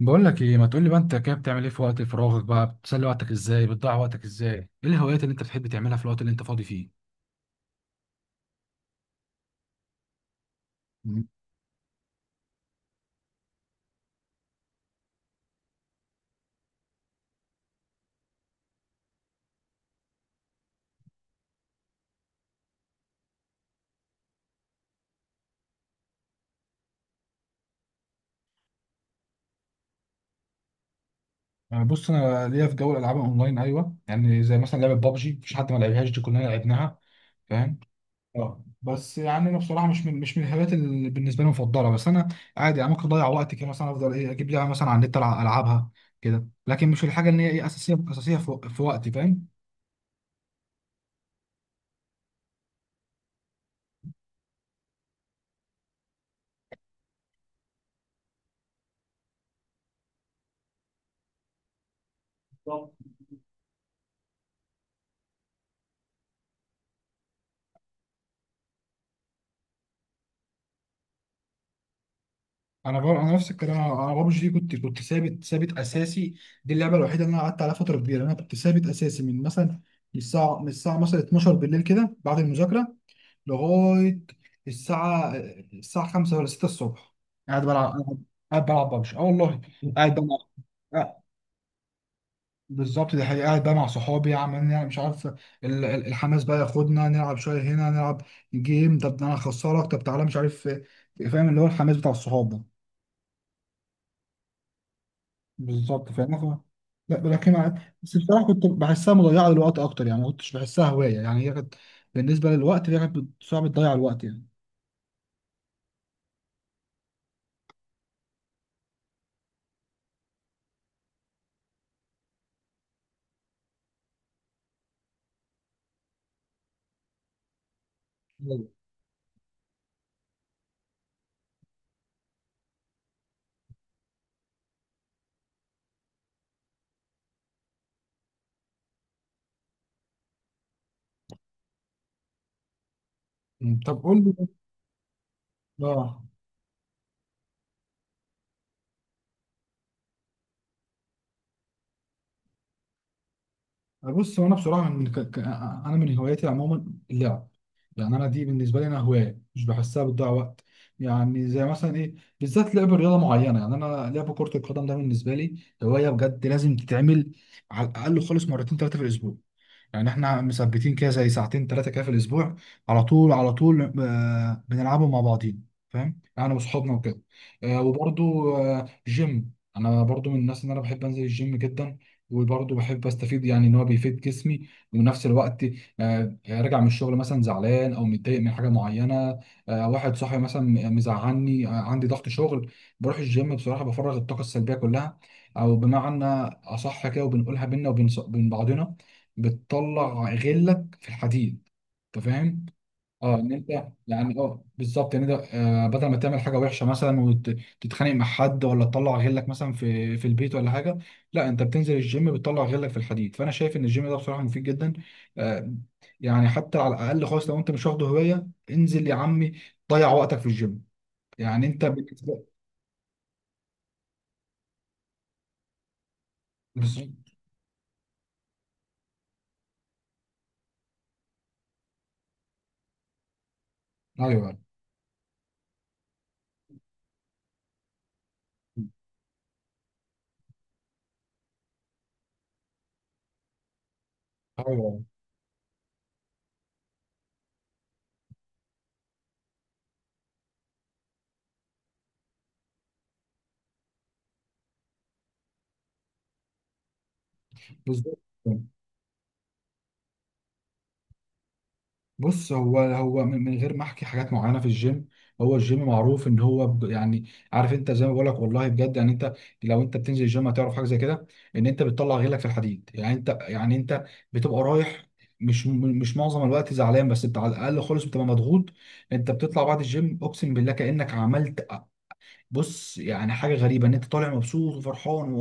بقول لك ايه ما تقول لي بقى انت كده بتعمل ايه في وقت فراغك بقى بتسلي وقتك ازاي بتضيع وقتك ازاي ايه الهوايات اللي انت بتحب تعملها في الوقت اللي انت فاضي فيه. مم. أنا بص انا ليا في جو الالعاب اونلاين، ايوه، يعني زي مثلا لعبه بابجي مفيش حد ما لعبهاش، دي كلنا لعبناها. فاهم. اه بس يعني انا بصراحه مش من الهوايات اللي بالنسبه لي مفضله، بس انا عادي، يعني ممكن اضيع وقتي كده، مثلا افضل ايه اجيب لعبه مثلا على النت العبها كده، لكن مش الحاجه اللي هي ايه اساسيه اساسيه في وقتي. فاهم. انا نفس الكلام، انا ببجي دي كنت ثابت ثابت اساسي، دي اللعبه الوحيده اللي انا قعدت عليها فتره كبيره، انا كنت ثابت اساسي من مثلا من الساعه مثلا 12 بالليل كده بعد المذاكره لغايه الساعه 5 ولا 6 الصبح، قاعد بلعب، قاعد قاعد بلعب ببجي، اه والله قاعد بلعب. آه، بالظبط، دي حقيقة، قاعد بقى مع صحابي عمالين، يعني مش عارف، الحماس بقى ياخدنا نلعب شويه، هنا نلعب جيم، طب ده انا هخسرك، طب تعالى، مش عارف إيه. فاهم اللي هو الحماس بتاع الصحاب ده. بالظبط، فاهم. لا بلاكيم عادي، بس بصراحه كنت بحسها مضيعه للوقت اكتر، يعني ما كنتش بحسها هوايه، يعني هي كانت بالنسبه للوقت، هي كانت صعب تضيع الوقت يعني. أيوة. طب قول لي. اه بص هو انا بصراحه انا من هواياتي عموما اللعب، يعني انا دي بالنسبه لي انا هوايه مش بحسها بتضيع وقت، يعني زي مثلا ايه بالذات لعب رياضه معينه، يعني انا لعب كره القدم ده بالنسبه لي هوايه بجد لازم تتعمل على الاقل خالص مرتين ثلاثه في الاسبوع، يعني احنا مثبتين كده زي ساعتين ثلاثه كده في الاسبوع، على طول، بنلعبوا مع بعضين، فاهم، يعني انا وصحابنا وكده. وبرضو جيم، انا برضو من الناس ان انا بحب انزل الجيم جدا، وبرضو بحب استفيد، يعني ان هو بيفيد جسمي، وفي نفس الوقت راجع من الشغل مثلا زعلان او متضايق من حاجه معينه، واحد صاحبي مثلا مزعلني، عندي ضغط شغل، بروح الجيم بصراحه بفرغ الطاقه السلبيه كلها، او بمعنى اصح كده، وبنقولها بينا وبين بعضنا، بتطلع غلك في الحديد، انت فاهم. اه ان انت، يعني اه بالظبط ان انت آه بدل ما تعمل حاجه وحشه مثلا وتتخانق مع حد، ولا تطلع غلك مثلا في البيت ولا حاجه، لا انت بتنزل الجيم، بتطلع غلك في الحديد، فانا شايف ان الجيم ده بصراحه مفيد جدا. آه. يعني حتى على الاقل خالص، لو انت مش واخده هوايه انزل يا عمي ضيع وقتك في الجيم، يعني انت بالنسبه. بالظبط. ايوه، ايوه، بالظبط. بص هو من غير ما احكي حاجات معينه في الجيم، هو الجيم معروف ان هو يعني عارف انت زي ما بقول لك، والله بجد يعني انت لو انت بتنزل الجيم هتعرف حاجه زي كده، ان انت بتطلع غيرك في الحديد، يعني انت، يعني انت بتبقى رايح، مش معظم الوقت زعلان، بس بتاع على الاقل خالص بتبقى مضغوط، انت بتطلع بعد الجيم اقسم بالله كانك عملت، بص يعني حاجه غريبه ان انت طالع مبسوط وفرحان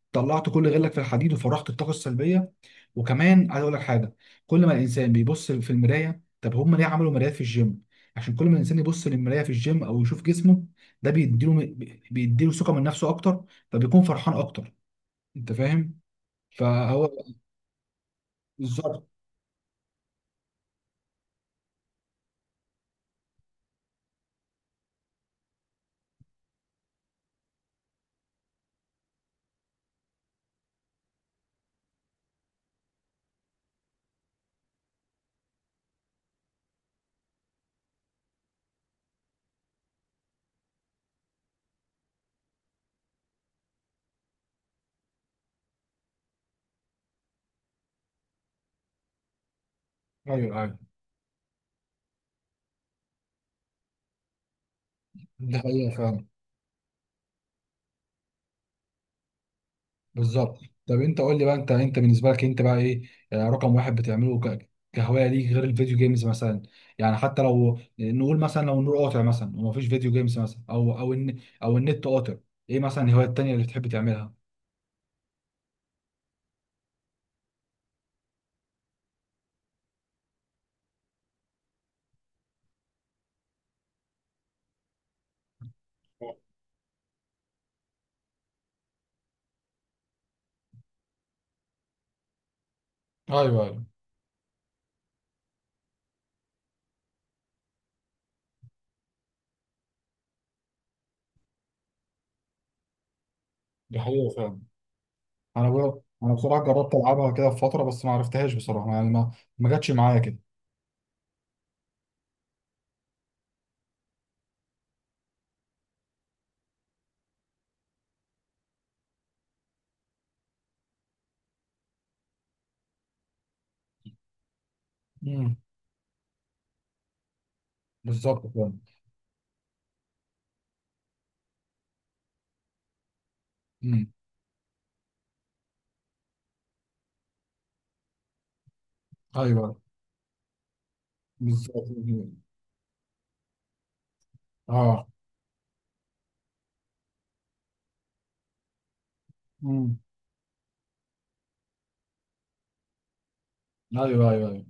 وطلعت كل غلك في الحديد وفرغت الطاقه السلبيه. وكمان عايز اقول لك حاجه، كل ما الانسان بيبص في المرايه، طب هم ليه عملوا مرايات في الجيم؟ عشان كل ما الانسان يبص للمرايه في الجيم او يشوف جسمه ده بيديله، بيديله ثقه من نفسه اكتر، فبيكون فرحان اكتر، انت فاهم. فهو. بالظبط. ايوه، ايوه، ده حقيقة فعلا. بالظبط. طب انت قول لي بقى، انت انت بالنسبه لك انت بقى ايه رقم واحد بتعمله كهوايه ليك غير الفيديو جيمز مثلا؟ يعني حتى لو نقول مثلا لو النور قاطع مثلا ومفيش فيديو جيمز مثلا، او او او النت قاطع، ايه مثلا الهوايه التانيه اللي بتحب تعملها؟ ايوه، ايوه، دي حقيقة فعلا. انا بقى انا بصراحه جربت العبها كده في فتره بس ما عرفتهاش بصراحه، يعني ما جاتش معايا كده. امم. بالظبط فعلا. امم. ايوه. بالظبط. اه. امم. ايوه، ايوه، ايوه.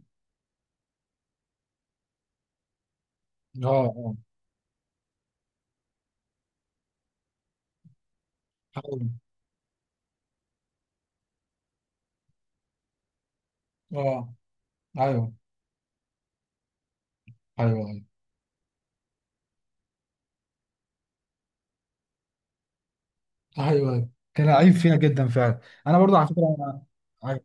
اه، اه. حلو. اه. ايوه، ايوه، ايوه. ايوه، ايوه. كان لعيب فينا جدا فعلا. انا برضه على فكره انا. أيوة.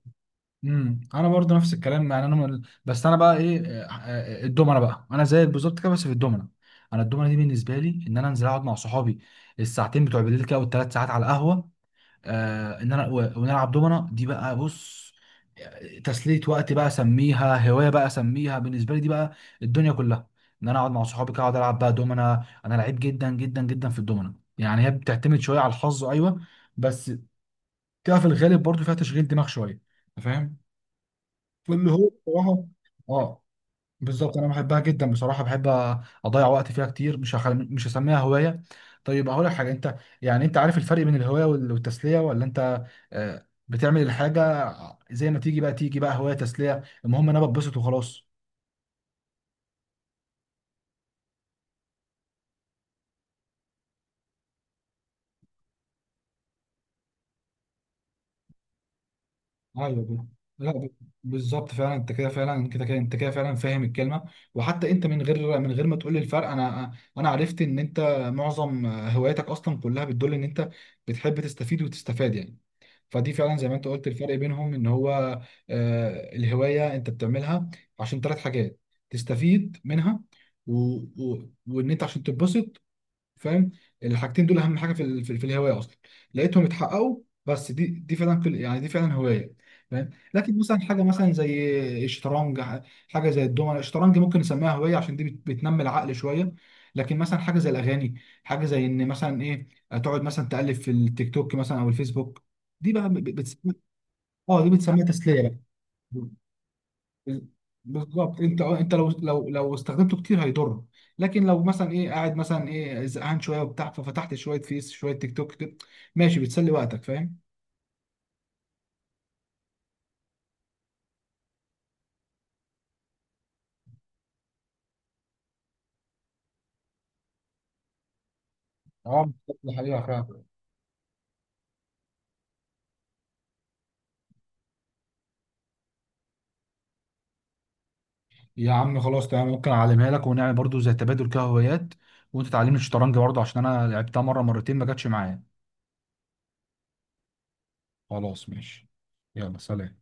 امم، انا برضه نفس الكلام، يعني بس انا بقى ايه الدومنه بقى، انا زيك بالظبط كده بس في الدومنه، انا الدومنه دي بالنسبه لي ان انا انزل اقعد مع صحابي الساعتين بتوع بالليل كده، او الثلاث ساعات على القهوه، آه ان ونلعب دومنه، دي بقى بص تسلية وقت بقى اسميها، هواية بقى اسميها، بالنسبة لي دي بقى الدنيا كلها، ان انا اقعد مع صحابي كده اقعد العب بقى دومنه، انا لعيب جدا جدا جدا في الدومنه، يعني هي بتعتمد شوية على الحظ، ايوه، بس بتبقى في الغالب برضو فيها تشغيل دماغ شوية، أنت فاهم، فاللي هو بصراحة اه بالظبط انا بحبها جدا بصراحه، بحب اضيع وقت فيها كتير، مش هسميها هوايه. طيب هقول لك حاجه انت، يعني انت عارف الفرق بين الهوايه والتسليه ولا انت بتعمل الحاجه زي ما تيجي، بقى تيجي بقى هوايه تسليه المهم انا بتبسط وخلاص؟ ايوه لا بالظبط فعلا، انت كده فعلا، كده انت كده فعلا فاهم الكلمه، وحتى انت من غير ما تقول لي الفرق، انا عرفت ان انت معظم هواياتك اصلا كلها بتدل ان انت بتحب تستفيد وتستفاد يعني، فدي فعلا زي ما انت قلت الفرق بينهم ان هو الهوايه انت بتعملها عشان ثلاث حاجات، تستفيد منها و... وان انت عشان تتبسط، فاهم، الحاجتين دول اهم حاجه في في الهوايه اصلا، لقيتهم اتحققوا، بس دي فعلا يعني دي فعلا هوايه، فاهم. لكن مثلا حاجه مثلا زي الشطرنج، حاجه زي الدومنه الشطرنج ممكن نسميها هوايه عشان دي بتنمي العقل شويه، لكن مثلا حاجه زي الاغاني، حاجه زي ان مثلا ايه تقعد مثلا تقلب في التيك توك مثلا او الفيسبوك، دي بقى بتسمي، اه دي بتسميها تسليه بقى. بالظبط، انت انت لو استخدمته كتير هيضر، لكن لو مثلا ايه قاعد مثلا ايه زهقان شويه وبتاع ففتحت شويه فيس شويه تيك توك كده، ماشي بتسلي وقتك، فاهم. اه بالظبط، دي حقيقة فعلا. يا عم خلاص تمام، ممكن اعلمها لك ونعمل برضو زي تبادل كده هوايات، وانت تعلمني الشطرنج برضو عشان انا لعبتها مره مرتين ما جاتش معايا. خلاص ماشي، يلا سلام.